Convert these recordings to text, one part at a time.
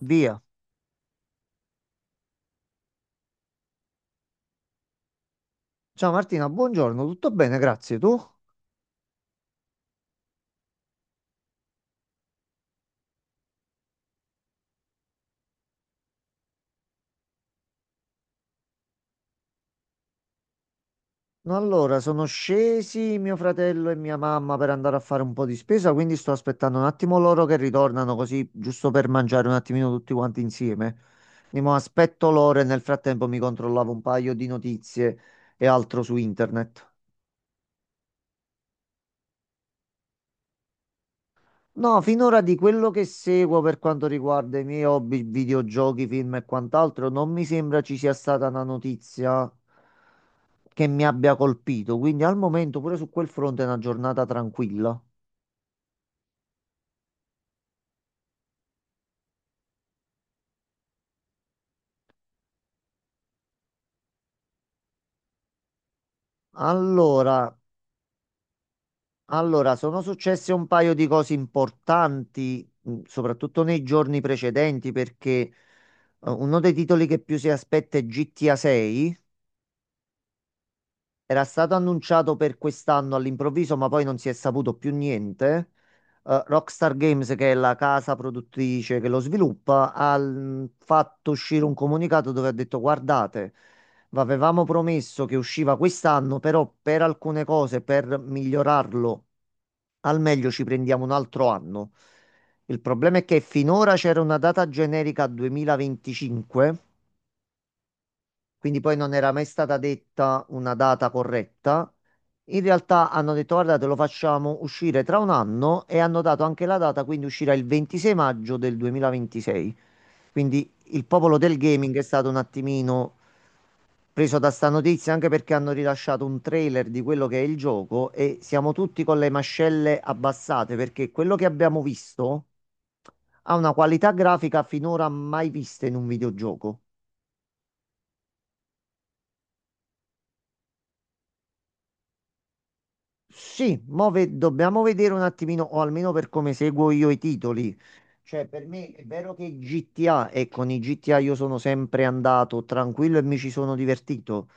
Via. Ciao Martina, buongiorno, tutto bene, grazie. Tu? No, allora, sono scesi mio fratello e mia mamma per andare a fare un po' di spesa, quindi sto aspettando un attimo loro che ritornano così, giusto per mangiare un attimino tutti quanti insieme. Quindi mo aspetto loro e nel frattempo mi controllavo un paio di notizie e altro su internet. No, finora di quello che seguo per quanto riguarda i miei hobby, videogiochi, film e quant'altro, non mi sembra ci sia stata una notizia che mi abbia colpito. Quindi al momento pure su quel fronte è una giornata tranquilla. Allora, allora, sono successe un paio di cose importanti, soprattutto nei giorni precedenti, perché uno dei titoli che più si aspetta è GTA 6. Era stato annunciato per quest'anno all'improvviso, ma poi non si è saputo più niente. Rockstar Games, che è la casa produttrice che lo sviluppa, ha fatto uscire un comunicato dove ha detto: "Guardate, vi avevamo promesso che usciva quest'anno, però per alcune cose, per migliorarlo al meglio, ci prendiamo un altro anno." Il problema è che finora c'era una data generica 2025, quindi poi non era mai stata detta una data corretta. In realtà hanno detto: "Guardate, lo facciamo uscire tra un anno" e hanno dato anche la data, quindi uscirà il 26 maggio del 2026. Quindi il popolo del gaming è stato un attimino preso da sta notizia, anche perché hanno rilasciato un trailer di quello che è il gioco e siamo tutti con le mascelle abbassate, perché quello che abbiamo visto ha una qualità grafica finora mai vista in un videogioco. Sì, mo dobbiamo vedere un attimino, o almeno per come seguo io i titoli. Cioè, per me è vero che GTA, e con i GTA io sono sempre andato tranquillo e mi ci sono divertito.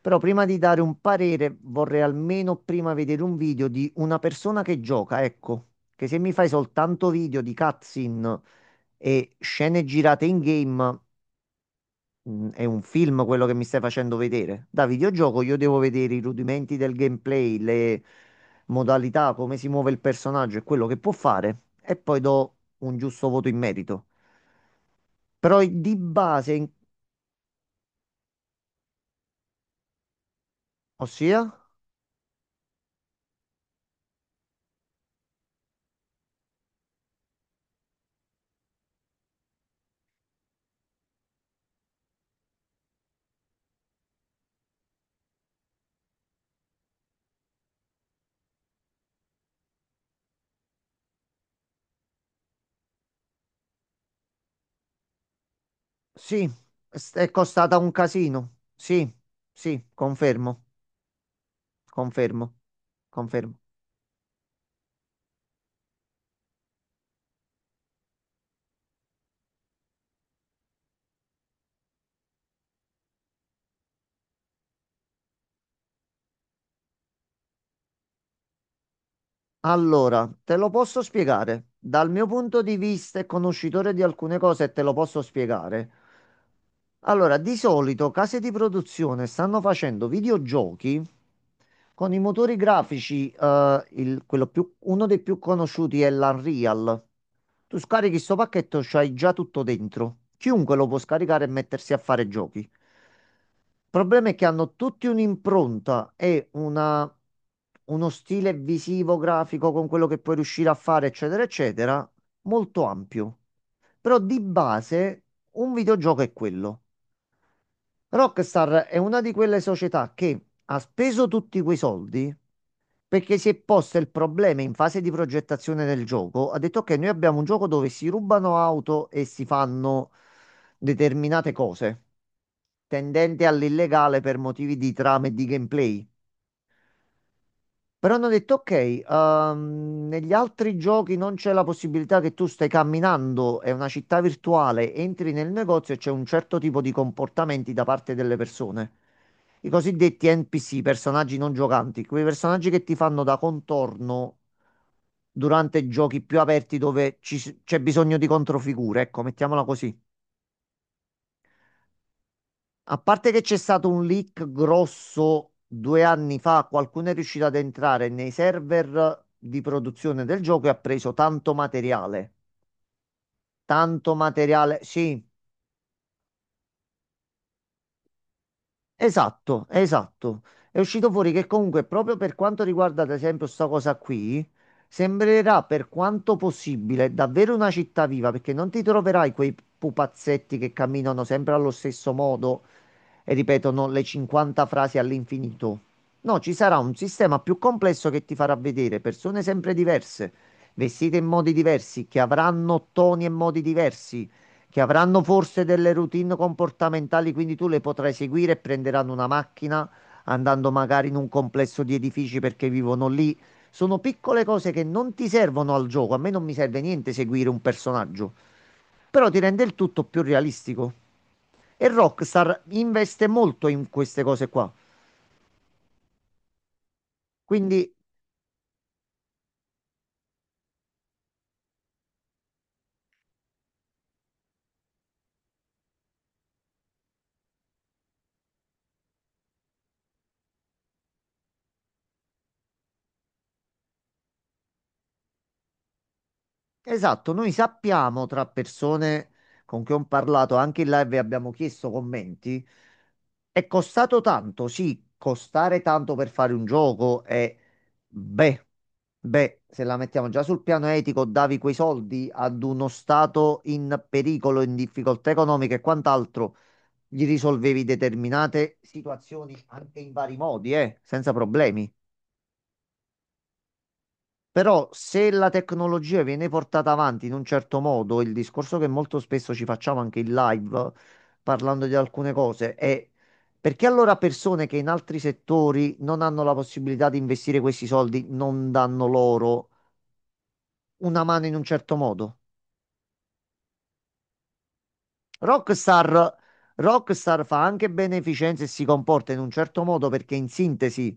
Però prima di dare un parere, vorrei almeno prima vedere un video di una persona che gioca, ecco. Che se mi fai soltanto video di cutscene e scene girate in game. Mm, è un film quello che mi stai facendo vedere. Da videogioco io devo vedere i rudimenti del gameplay, le modalità, come si muove il personaggio e quello che può fare, e poi do un giusto voto in merito. Però di base, ossia, sì, è costata un casino. Sì, sì, confermo, confermo, confermo. Allora, te lo posso spiegare. Dal mio punto di vista e conoscitore di alcune cose, te lo posso spiegare. Allora, di solito case di produzione stanno facendo videogiochi con i motori grafici, quello uno dei più conosciuti è l'Unreal. Tu scarichi sto pacchetto, c'hai già tutto dentro. Chiunque lo può scaricare e mettersi a fare giochi. Il problema è che hanno tutti un'impronta e uno stile visivo, grafico con quello che puoi riuscire a fare, eccetera, eccetera, molto ampio. Però di base un videogioco è quello. Rockstar è una di quelle società che ha speso tutti quei soldi perché si è posto il problema in fase di progettazione del gioco. Ha detto che noi abbiamo un gioco dove si rubano auto e si fanno determinate cose tendente all'illegale per motivi di trama e di gameplay. Però hanno detto: "Ok, negli altri giochi non c'è la possibilità che tu stai camminando, è una città virtuale, entri nel negozio e c'è un certo tipo di comportamenti da parte delle persone." I cosiddetti NPC, personaggi non giocanti, quei personaggi che ti fanno da contorno durante giochi più aperti dove ci c'è bisogno di controfigure, ecco, mettiamola così. A parte che c'è stato un leak grosso 2 anni fa, qualcuno è riuscito ad entrare nei server di produzione del gioco e ha preso tanto materiale. Tanto materiale, sì, esatto, esatto. È uscito fuori che comunque proprio per quanto riguarda ad esempio sta cosa qui, sembrerà per quanto possibile davvero una città viva, perché non ti troverai quei pupazzetti che camminano sempre allo stesso modo e ripetono le 50 frasi all'infinito. No, ci sarà un sistema più complesso che ti farà vedere persone sempre diverse, vestite in modi diversi, che avranno toni e modi diversi, che avranno forse delle routine comportamentali, quindi tu le potrai seguire e prenderanno una macchina andando magari in un complesso di edifici perché vivono lì, sono piccole cose che non ti servono al gioco. A me non mi serve niente seguire un personaggio, però ti rende il tutto più realistico. E Rockstar investe molto in queste cose qua. Quindi Esatto, noi sappiamo tra persone con cui ho parlato, anche in live abbiamo chiesto commenti, è costato tanto, sì, costare tanto per fare un gioco è, beh, beh, se la mettiamo già sul piano etico, davi quei soldi ad uno stato in pericolo, in difficoltà economica e quant'altro, gli risolvevi determinate situazioni anche in vari modi, senza problemi. Però se la tecnologia viene portata avanti in un certo modo, il discorso che molto spesso ci facciamo anche in live, parlando di alcune cose, è: perché allora persone che in altri settori non hanno la possibilità di investire questi soldi non danno loro una mano in un certo modo? Rockstar, Rockstar fa anche beneficenza e si comporta in un certo modo perché in sintesi...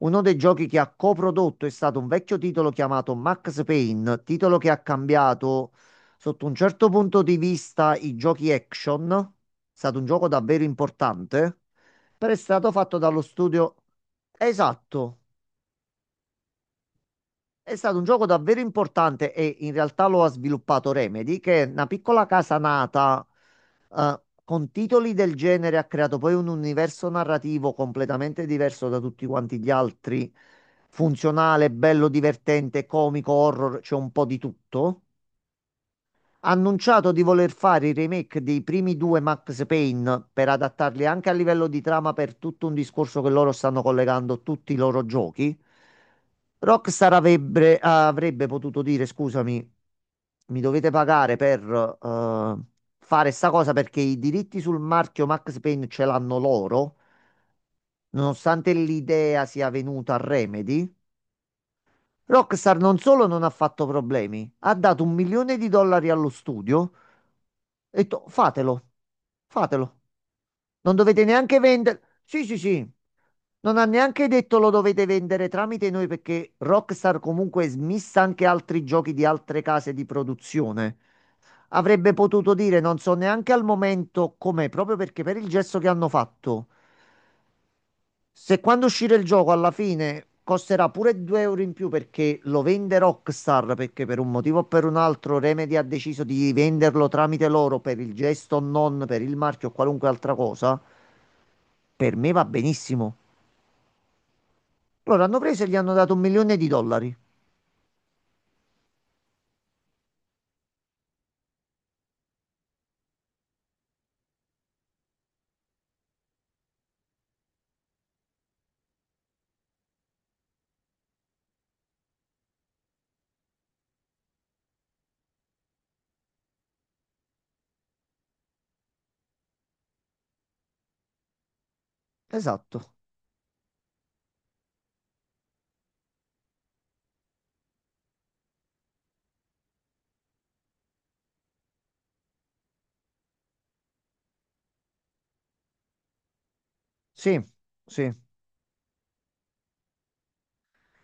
Uno dei giochi che ha coprodotto è stato un vecchio titolo chiamato Max Payne, titolo che ha cambiato sotto un certo punto di vista i giochi action. È stato un gioco davvero importante, però è stato fatto dallo studio. Esatto. È stato un gioco davvero importante e in realtà lo ha sviluppato Remedy, che è una piccola casa nata con titoli del genere, ha creato poi un universo narrativo completamente diverso da tutti quanti gli altri, funzionale, bello, divertente, comico, horror, c'è un po' di tutto. Ha annunciato di voler fare i remake dei primi due Max Payne per adattarli anche a livello di trama per tutto un discorso che loro stanno collegando tutti i loro giochi. Rockstar avrebbe potuto dire: "Scusami, mi dovete pagare per eh, fare sta cosa" perché i diritti sul marchio Max Payne ce l'hanno loro, nonostante l'idea sia venuta a Remedy. Rockstar non solo non ha fatto problemi, ha dato 1 milione di dollari allo studio e ho detto: "Fatelo, fatelo. Non dovete neanche vendere." Sì, sì, sì. Non ha neanche detto lo dovete vendere tramite noi, perché Rockstar comunque smissa anche altri giochi di altre case di produzione. Avrebbe potuto dire, non so neanche al momento com'è, proprio perché per il gesto che hanno fatto. Se quando uscirà il gioco alla fine costerà pure 2 euro in più perché lo vende Rockstar, perché per un motivo o per un altro Remedy ha deciso di venderlo tramite loro per il gesto o non per il marchio o qualunque altra cosa, per me va benissimo. Loro hanno preso e gli hanno dato 1 milione di dollari. Esatto. Sì, sì.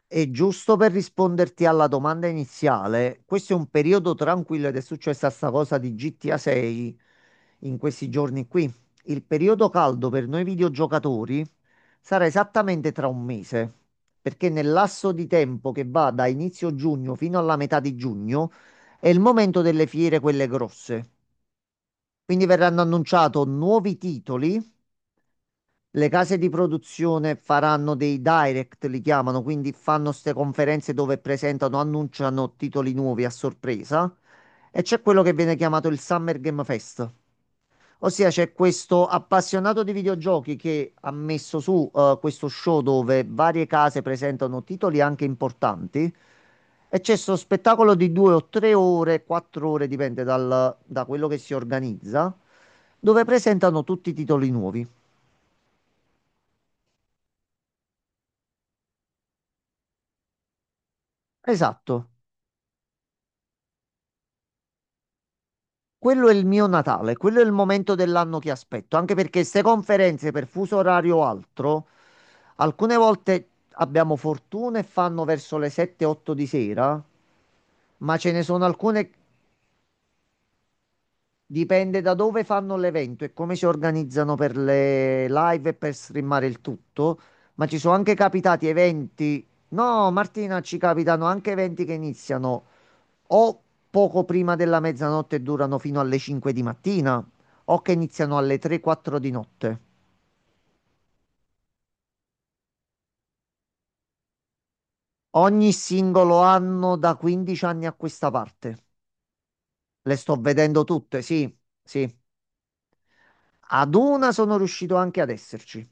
E giusto per risponderti alla domanda iniziale, questo è un periodo tranquillo ed è successa sta cosa di GTA 6 in questi giorni qui. Il periodo caldo per noi videogiocatori sarà esattamente tra un mese, perché nel lasso di tempo che va da inizio giugno fino alla metà di giugno è il momento delle fiere, quelle grosse. Quindi verranno annunciati nuovi titoli, le case di produzione faranno dei direct, li chiamano, quindi fanno queste conferenze dove presentano, annunciano titoli nuovi a sorpresa. E c'è quello che viene chiamato il Summer Game Fest. Ossia c'è questo appassionato di videogiochi che ha messo su questo show dove varie case presentano titoli anche importanti e c'è questo spettacolo di 2 o 3 ore, 4 ore, dipende da quello che si organizza, dove presentano tutti i titoli nuovi. Esatto. Quello è il mio Natale, quello è il momento dell'anno che aspetto, anche perché queste conferenze per fuso orario o altro, alcune volte abbiamo fortuna e fanno verso le 7-8 di sera, ma ce ne sono alcune, dipende da dove fanno l'evento e come si organizzano per le live e per streamare il tutto, ma ci sono anche capitati eventi, no Martina, ci capitano anche eventi che iniziano o poco prima della mezzanotte e durano fino alle 5 di mattina, o che iniziano alle 3-4 di notte. Ogni singolo anno da 15 anni a questa parte. Le sto vedendo tutte, sì, sì. Ad una sono riuscito anche ad esserci.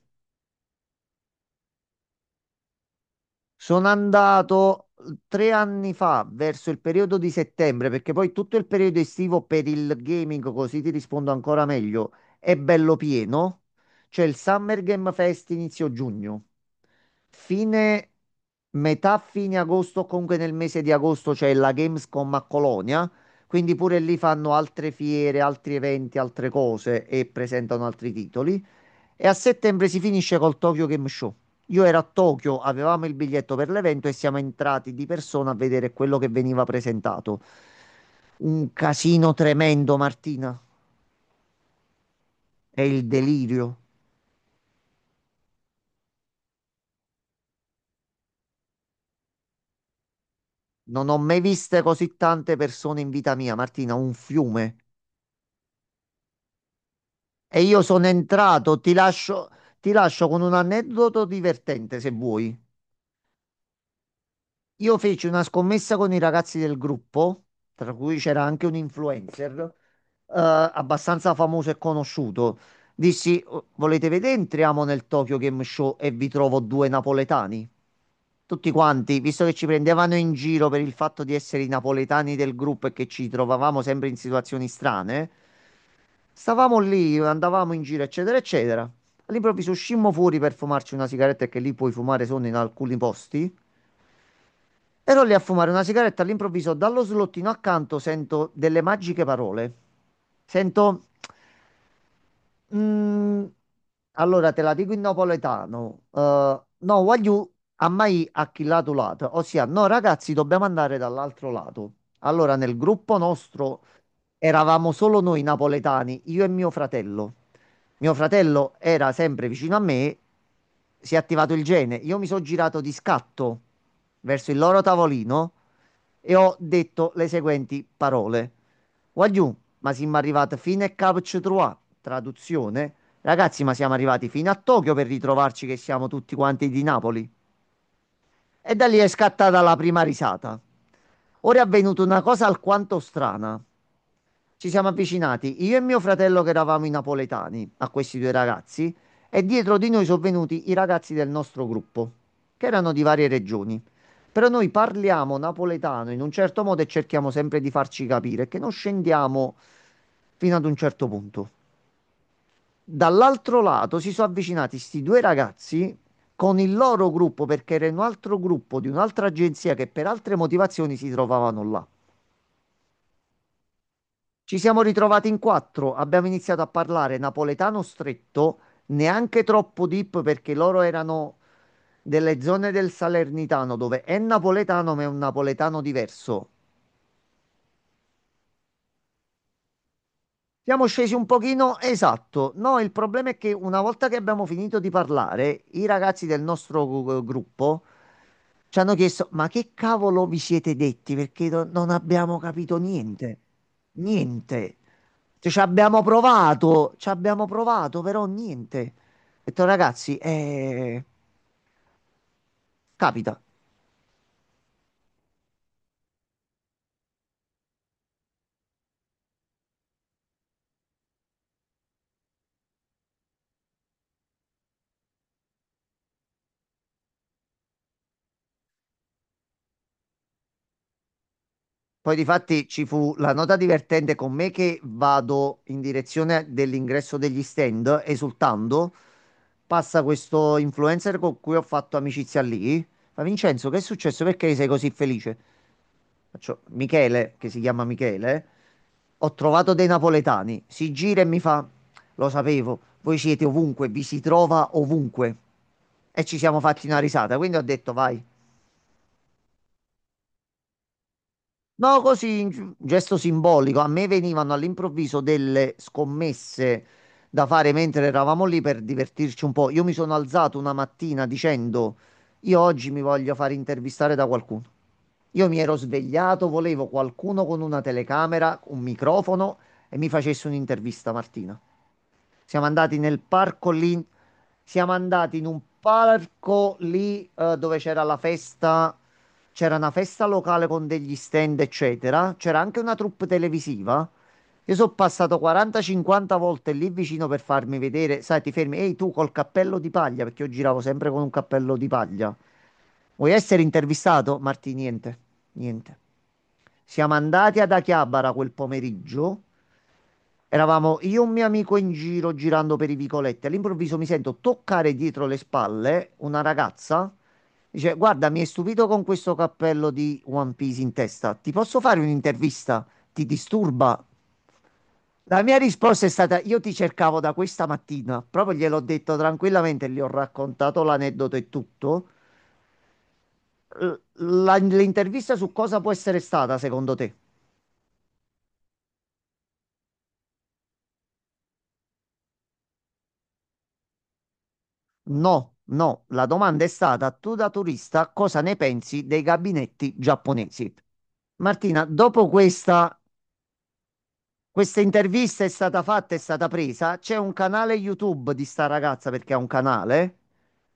Sono andato 3 anni fa, verso il periodo di settembre, perché poi tutto il periodo estivo per il gaming, così ti rispondo ancora meglio, è bello pieno. C'è il Summer Game Fest inizio giugno. Fine, metà fine agosto, o comunque nel mese di agosto c'è la Gamescom a Colonia, quindi pure lì fanno altre fiere, altri eventi, altre cose e presentano altri titoli. E a settembre si finisce col Tokyo Game Show. Io ero a Tokyo, avevamo il biglietto per l'evento e siamo entrati di persona a vedere quello che veniva presentato. Un casino tremendo, Martina. È il delirio. Non ho mai viste così tante persone in vita mia, Martina, un fiume. E io sono entrato, ti lascio con un aneddoto divertente se vuoi. Io feci una scommessa con i ragazzi del gruppo, tra cui c'era anche un influencer, abbastanza famoso e conosciuto. Dissi: "Oh, volete vedere? Entriamo nel Tokyo Game Show e vi trovo due napoletani." Tutti quanti, visto che ci prendevano in giro per il fatto di essere i napoletani del gruppo e che ci trovavamo sempre in situazioni strane, stavamo lì, andavamo in giro, eccetera, eccetera. All'improvviso uscimmo fuori per fumarci una sigaretta, che lì puoi fumare solo in alcuni posti. Ero lì a fumare una sigaretta, all'improvviso dallo slottino accanto sento delle magiche parole. Sento Mm, allora te la dico in napoletano. No, voglio a mai acchillato lato. Ossia, no, ragazzi, dobbiamo andare dall'altro lato. Allora, nel gruppo nostro eravamo solo noi napoletani, io e mio fratello. Mio fratello era sempre vicino a me, si è attivato il gene. Io mi sono girato di scatto verso il loro tavolino e ho detto le seguenti parole. Wagyu ma siamo arrivati fino a Cap Citroa, traduzione. Ragazzi, ma siamo arrivati fino a Tokyo per ritrovarci che siamo tutti quanti di Napoli. E da lì è scattata la prima risata. Ora è avvenuta una cosa alquanto strana. Ci siamo avvicinati, io e mio fratello che eravamo i napoletani, a questi due ragazzi, e dietro di noi sono venuti i ragazzi del nostro gruppo, che erano di varie regioni. Però noi parliamo napoletano in un certo modo e cerchiamo sempre di farci capire, che non scendiamo fino ad un certo punto. Dall'altro lato si sono avvicinati sti due ragazzi con il loro gruppo perché era un altro gruppo di un'altra agenzia che per altre motivazioni si trovavano là. Ci siamo ritrovati in quattro, abbiamo iniziato a parlare napoletano stretto, neanche troppo deep perché loro erano delle zone del Salernitano dove è napoletano ma è un napoletano diverso. Siamo scesi un pochino, esatto. No, il problema è che una volta che abbiamo finito di parlare, i ragazzi del nostro gruppo ci hanno chiesto: ma che cavolo vi siete detti? Perché non abbiamo capito niente. Niente. Cioè, ci abbiamo provato, però niente. Ho detto, ragazzi, capita. Poi difatti ci fu la nota divertente con me che vado in direzione dell'ingresso degli stand, esultando. Passa questo influencer con cui ho fatto amicizia lì. Fa: Vincenzo, che è successo? Perché sei così felice? Faccio: Michele, che si chiama Michele, ho trovato dei napoletani. Si gira e mi fa: Lo sapevo, voi siete ovunque, vi si trova ovunque. E ci siamo fatti una risata. Quindi ho detto: Vai. No, così, un gesto simbolico. A me venivano all'improvviso delle scommesse da fare mentre eravamo lì per divertirci un po'. Io mi sono alzato una mattina dicendo: io oggi mi voglio fare intervistare da qualcuno. Io mi ero svegliato, volevo qualcuno con una telecamera, un microfono e mi facesse un'intervista, Martina. Siamo andati nel parco lì. Siamo andati in un parco lì dove c'era la festa. C'era una festa locale con degli stand, eccetera. C'era anche una troupe televisiva. Io sono passato 40-50 volte lì vicino per farmi vedere. Sai, ti fermi, ehi tu col cappello di paglia, perché io giravo sempre con un cappello di paglia. Vuoi essere intervistato? Marti, niente, niente. Siamo andati ad Akihabara quel pomeriggio. Eravamo io e un mio amico in giro girando per i vicoletti. All'improvviso mi sento toccare dietro le spalle una ragazza. Dice: Guarda, mi hai stupito con questo cappello di One Piece in testa. Ti posso fare un'intervista? Ti disturba? La mia risposta è stata: Io ti cercavo da questa mattina. Proprio gliel'ho detto tranquillamente, gli ho raccontato l'aneddoto e tutto. L- L'intervista su cosa può essere stata, secondo te? No, no, la domanda è stata: tu da turista cosa ne pensi dei gabinetti giapponesi? Martina, dopo questa, questa intervista è stata fatta, è stata presa, c'è un canale YouTube di sta ragazza perché ha un canale.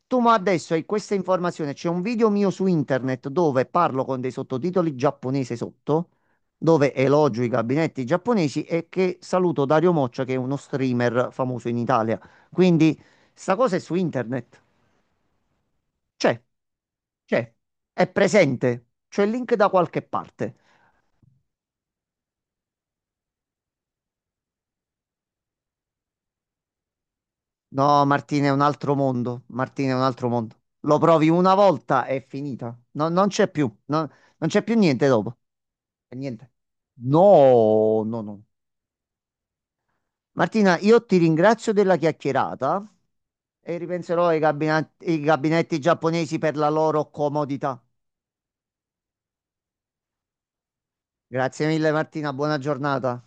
Tu ma adesso hai questa informazione, c'è un video mio su internet dove parlo con dei sottotitoli giapponese sotto, dove elogio i gabinetti giapponesi e che saluto Dario Moccia, che è uno streamer famoso in Italia. Quindi sta cosa è su internet. C'è. C'è, è presente, c'è il link da qualche parte. No, Martina, è un altro mondo. Martina, è un altro mondo. Lo provi una volta, è finita. No, non c'è più, non c'è più niente dopo. E niente. No, no, no. Martina, io ti ringrazio della chiacchierata e ripenserò ai ai gabinetti giapponesi per la loro comodità. Grazie mille, Martina, buona giornata.